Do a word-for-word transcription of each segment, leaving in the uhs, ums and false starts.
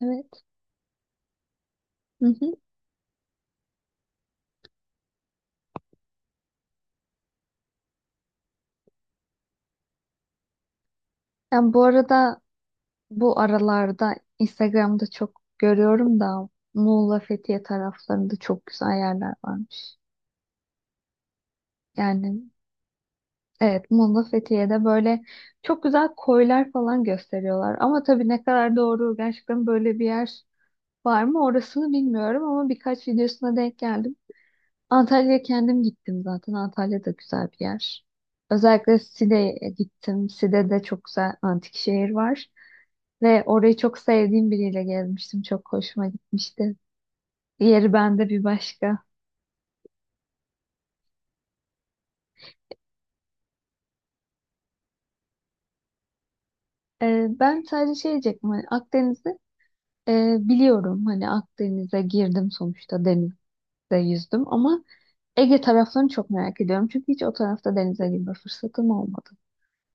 Evet. Hı hı. Yani bu arada bu aralarda Instagram'da çok görüyorum da Muğla Fethiye taraflarında çok güzel yerler varmış. Yani evet, Muğla Fethiye'de böyle çok güzel koylar falan gösteriyorlar. Ama tabii ne kadar doğru, gerçekten böyle bir yer var mı orasını bilmiyorum ama birkaç videosuna denk geldim. Antalya'ya kendim gittim zaten. Antalya da güzel bir yer. Özellikle Side'ye gittim. Side'de çok güzel antik şehir var. Ve orayı çok sevdiğim biriyle gezmiştim. Çok hoşuma gitmişti. Yeri bende bir başka. Ee, ben sadece şey diyecektim. Hani Akdeniz'i e, biliyorum. Hani Akdeniz'e girdim sonuçta. Denizde yüzdüm. Ama Ege taraflarını çok merak ediyorum. Çünkü hiç o tarafta denize girme fırsatım olmadı.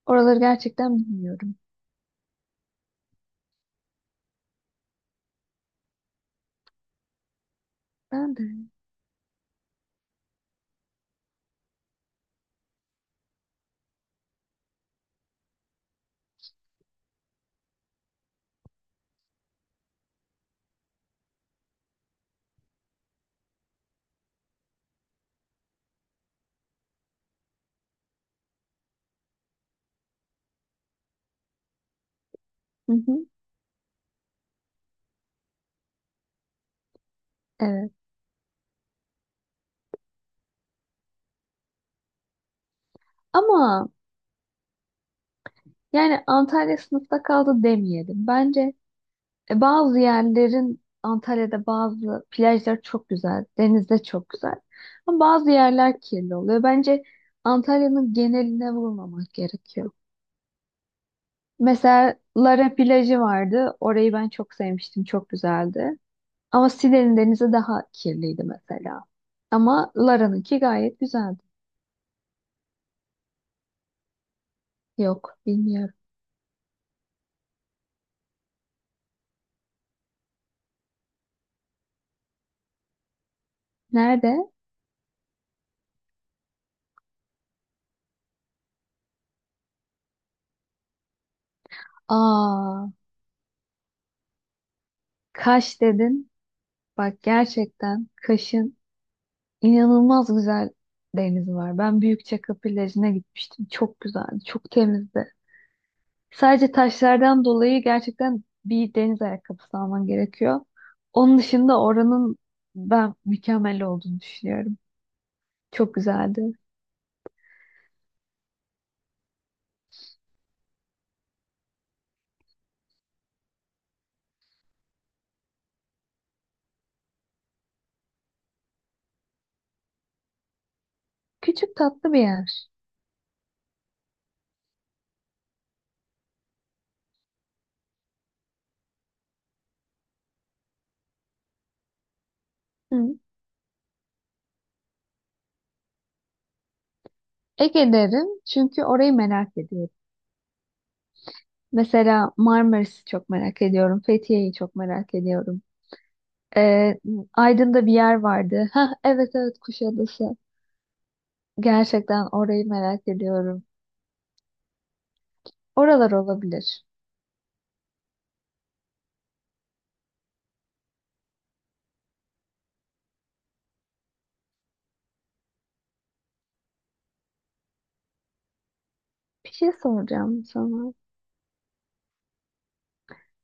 Oraları gerçekten bilmiyorum. Ben de. Hı hı, evet. Ama yani Antalya sınıfta kaldı demeyelim. Bence E, bazı yerlerin, Antalya'da bazı plajlar çok güzel, deniz de çok güzel. Ama bazı yerler kirli oluyor. Bence Antalya'nın geneline vurmamak gerekiyor. Mesela Lara plajı vardı. Orayı ben çok sevmiştim, çok güzeldi. Ama Side'nin denizi daha kirliydi mesela. Ama Lara'nınki gayet güzeldi. Yok, bilmiyorum. Nerede? Aa, Kaş dedin. Bak gerçekten Kaş'ın İnanılmaz güzel deniz var. Ben Büyükçekmece plajına gitmiştim. Çok güzeldi, çok temizdi. Sadece taşlardan dolayı gerçekten bir deniz ayakkabısı alman gerekiyor. Onun dışında oranın ben mükemmel olduğunu düşünüyorum. Çok güzeldi. Küçük tatlı bir yer. Hı. Ege derim çünkü orayı merak ediyorum. Mesela Marmaris'i çok merak ediyorum. Fethiye'yi çok merak ediyorum. Ee, Aydın'da bir yer vardı. Ha evet evet, Kuşadası. Gerçekten orayı merak ediyorum. Oralar olabilir. Bir şey soracağım sana.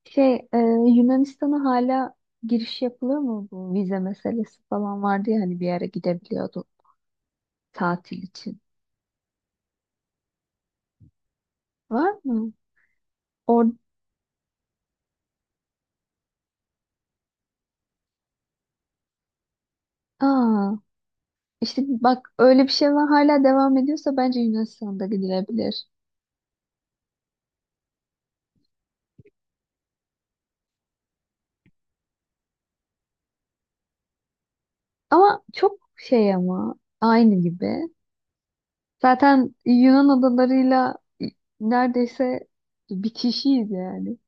Şey, e, Yunanistan'a hala giriş yapılıyor mu? Bu vize meselesi falan vardı ya, hani bir yere gidebiliyordu tatil için. Var mı? Or Aa, işte bak, öyle bir şey var hala, devam ediyorsa bence Yunanistan'da gidilebilir. Ama çok şey, ama aynı gibi. Zaten Yunan adalarıyla neredeyse bir, yani.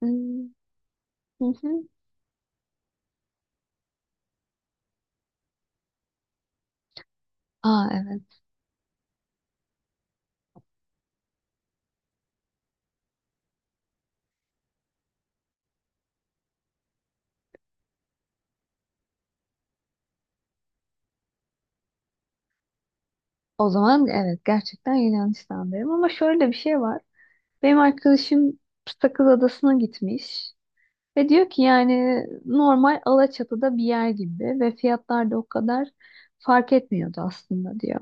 Hmm. Aa evet. O zaman evet, gerçekten Yunanistan'dayım, ama şöyle bir şey var. Benim arkadaşım Sakız Adası'na gitmiş ve diyor ki yani normal Alaçatı'da bir yer gibi ve fiyatlar da o kadar fark etmiyordu aslında, diyor.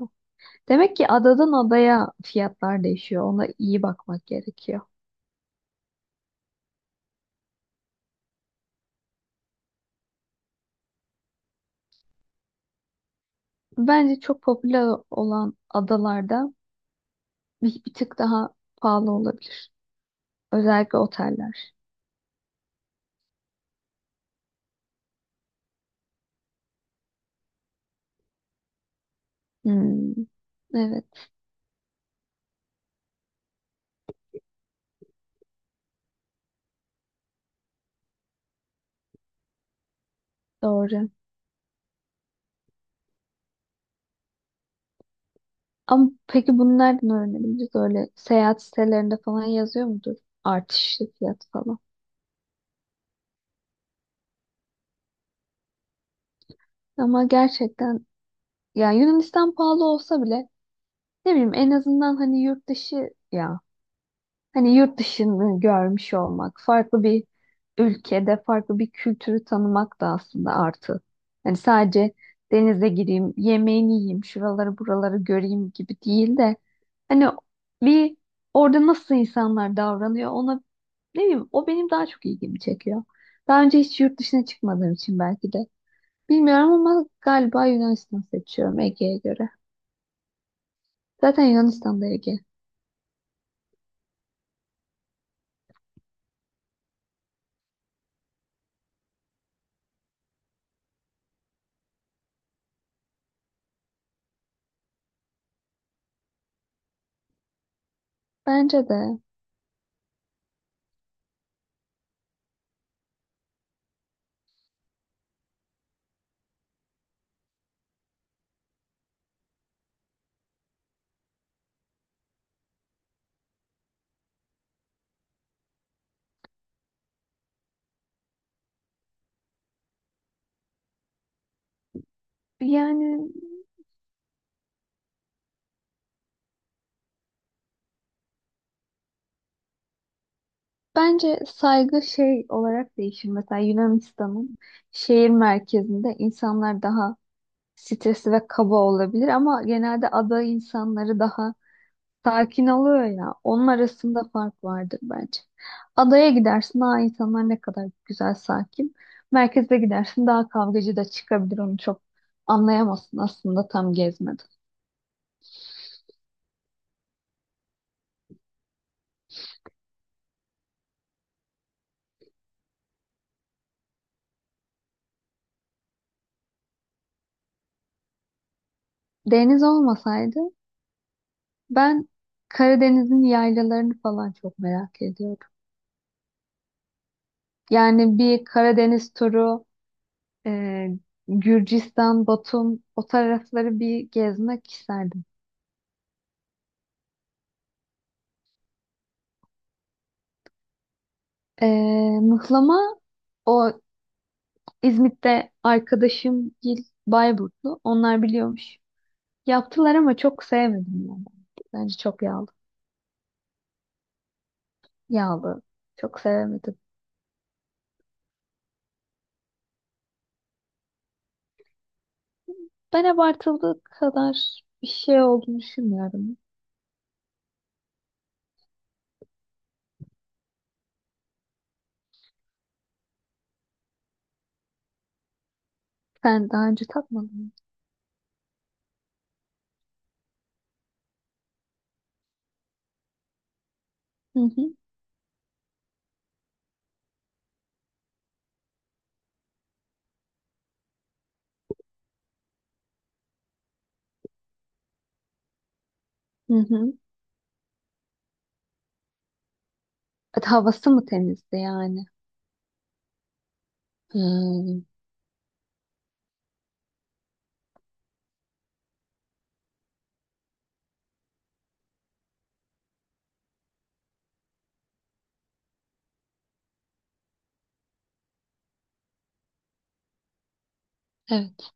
Demek ki adadan adaya fiyatlar değişiyor. Ona iyi bakmak gerekiyor. Bence çok popüler olan adalarda bir, bir tık daha pahalı olabilir. Özellikle oteller. Hmm, evet doğru. Ama peki bunu nereden öğrenebiliriz? Öyle seyahat sitelerinde falan yazıyor mudur? Artışlı fiyat falan. Ama gerçekten yani Yunanistan pahalı olsa bile, ne bileyim, en azından hani yurt dışı ya, hani yurt dışını görmüş olmak, farklı bir ülkede farklı bir kültürü tanımak da aslında artı. Hani sadece denize gireyim, yemeğini yiyeyim, şuraları buraları göreyim gibi değil de, hani bir orada nasıl insanlar davranıyor ona, ne bileyim, o benim daha çok ilgimi çekiyor. Daha önce hiç yurt dışına çıkmadığım için belki de. Bilmiyorum ama galiba Yunanistan seçiyorum Ege'ye göre. Zaten Yunanistan'da Ege. Bence de. Yani bence saygı şey olarak değişir. Mesela Yunanistan'ın şehir merkezinde insanlar daha stresli ve kaba olabilir ama genelde ada insanları daha sakin oluyor ya. Onun arasında fark vardır bence. Adaya gidersin, aa insanlar ne kadar güzel, sakin. Merkeze gidersin, daha kavgacı da çıkabilir. Onu çok anlayamazsın aslında tam gezmeden. Deniz olmasaydı, ben Karadeniz'in yaylalarını falan çok merak ediyorum. Yani bir Karadeniz turu, e, Gürcistan, Batum, o tarafları bir gezmek isterdim. E, Mıhlama, o İzmit'te arkadaşım Gil Bayburtlu. Onlar biliyormuş. Yaptılar ama çok sevmedim yani. Bence çok yağlı. Yağlı. Çok sevemedim. Ben abartıldığı kadar bir şey olduğunu düşünmüyorum. Sen daha önce tatmadın mı? Hı hı. Hı hı. Evet, havası mı temizdi yani? Hmm, evet.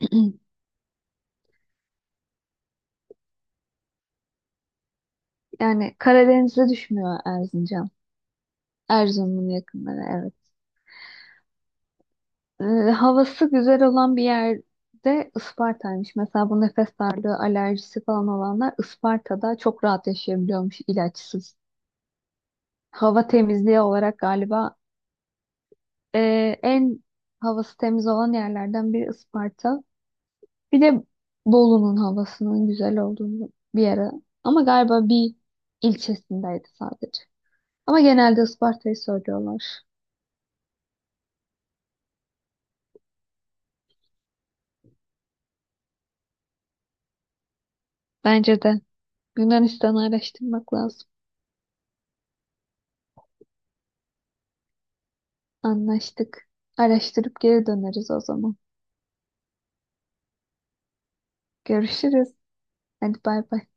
Yani Karadeniz'e düşmüyor Erzincan. Erzurum'un yakınları evet. e, Havası güzel olan bir yerde Isparta'ymış. Mesela bu nefes darlığı, alerjisi falan olanlar Isparta'da çok rahat yaşayabiliyormuş ilaçsız. Hava temizliği olarak galiba e, en havası temiz olan yerlerden biri Isparta. Bir de Bolu'nun havasının güzel olduğunu bir yere. Ama galiba bir ilçesindeydi sadece. Ama genelde Isparta'yı söylüyorlar. Bence de Yunanistan'ı araştırmak lazım. Anlaştık. Araştırıp geri döneriz o zaman. Görüşürüz. Hadi bay bay.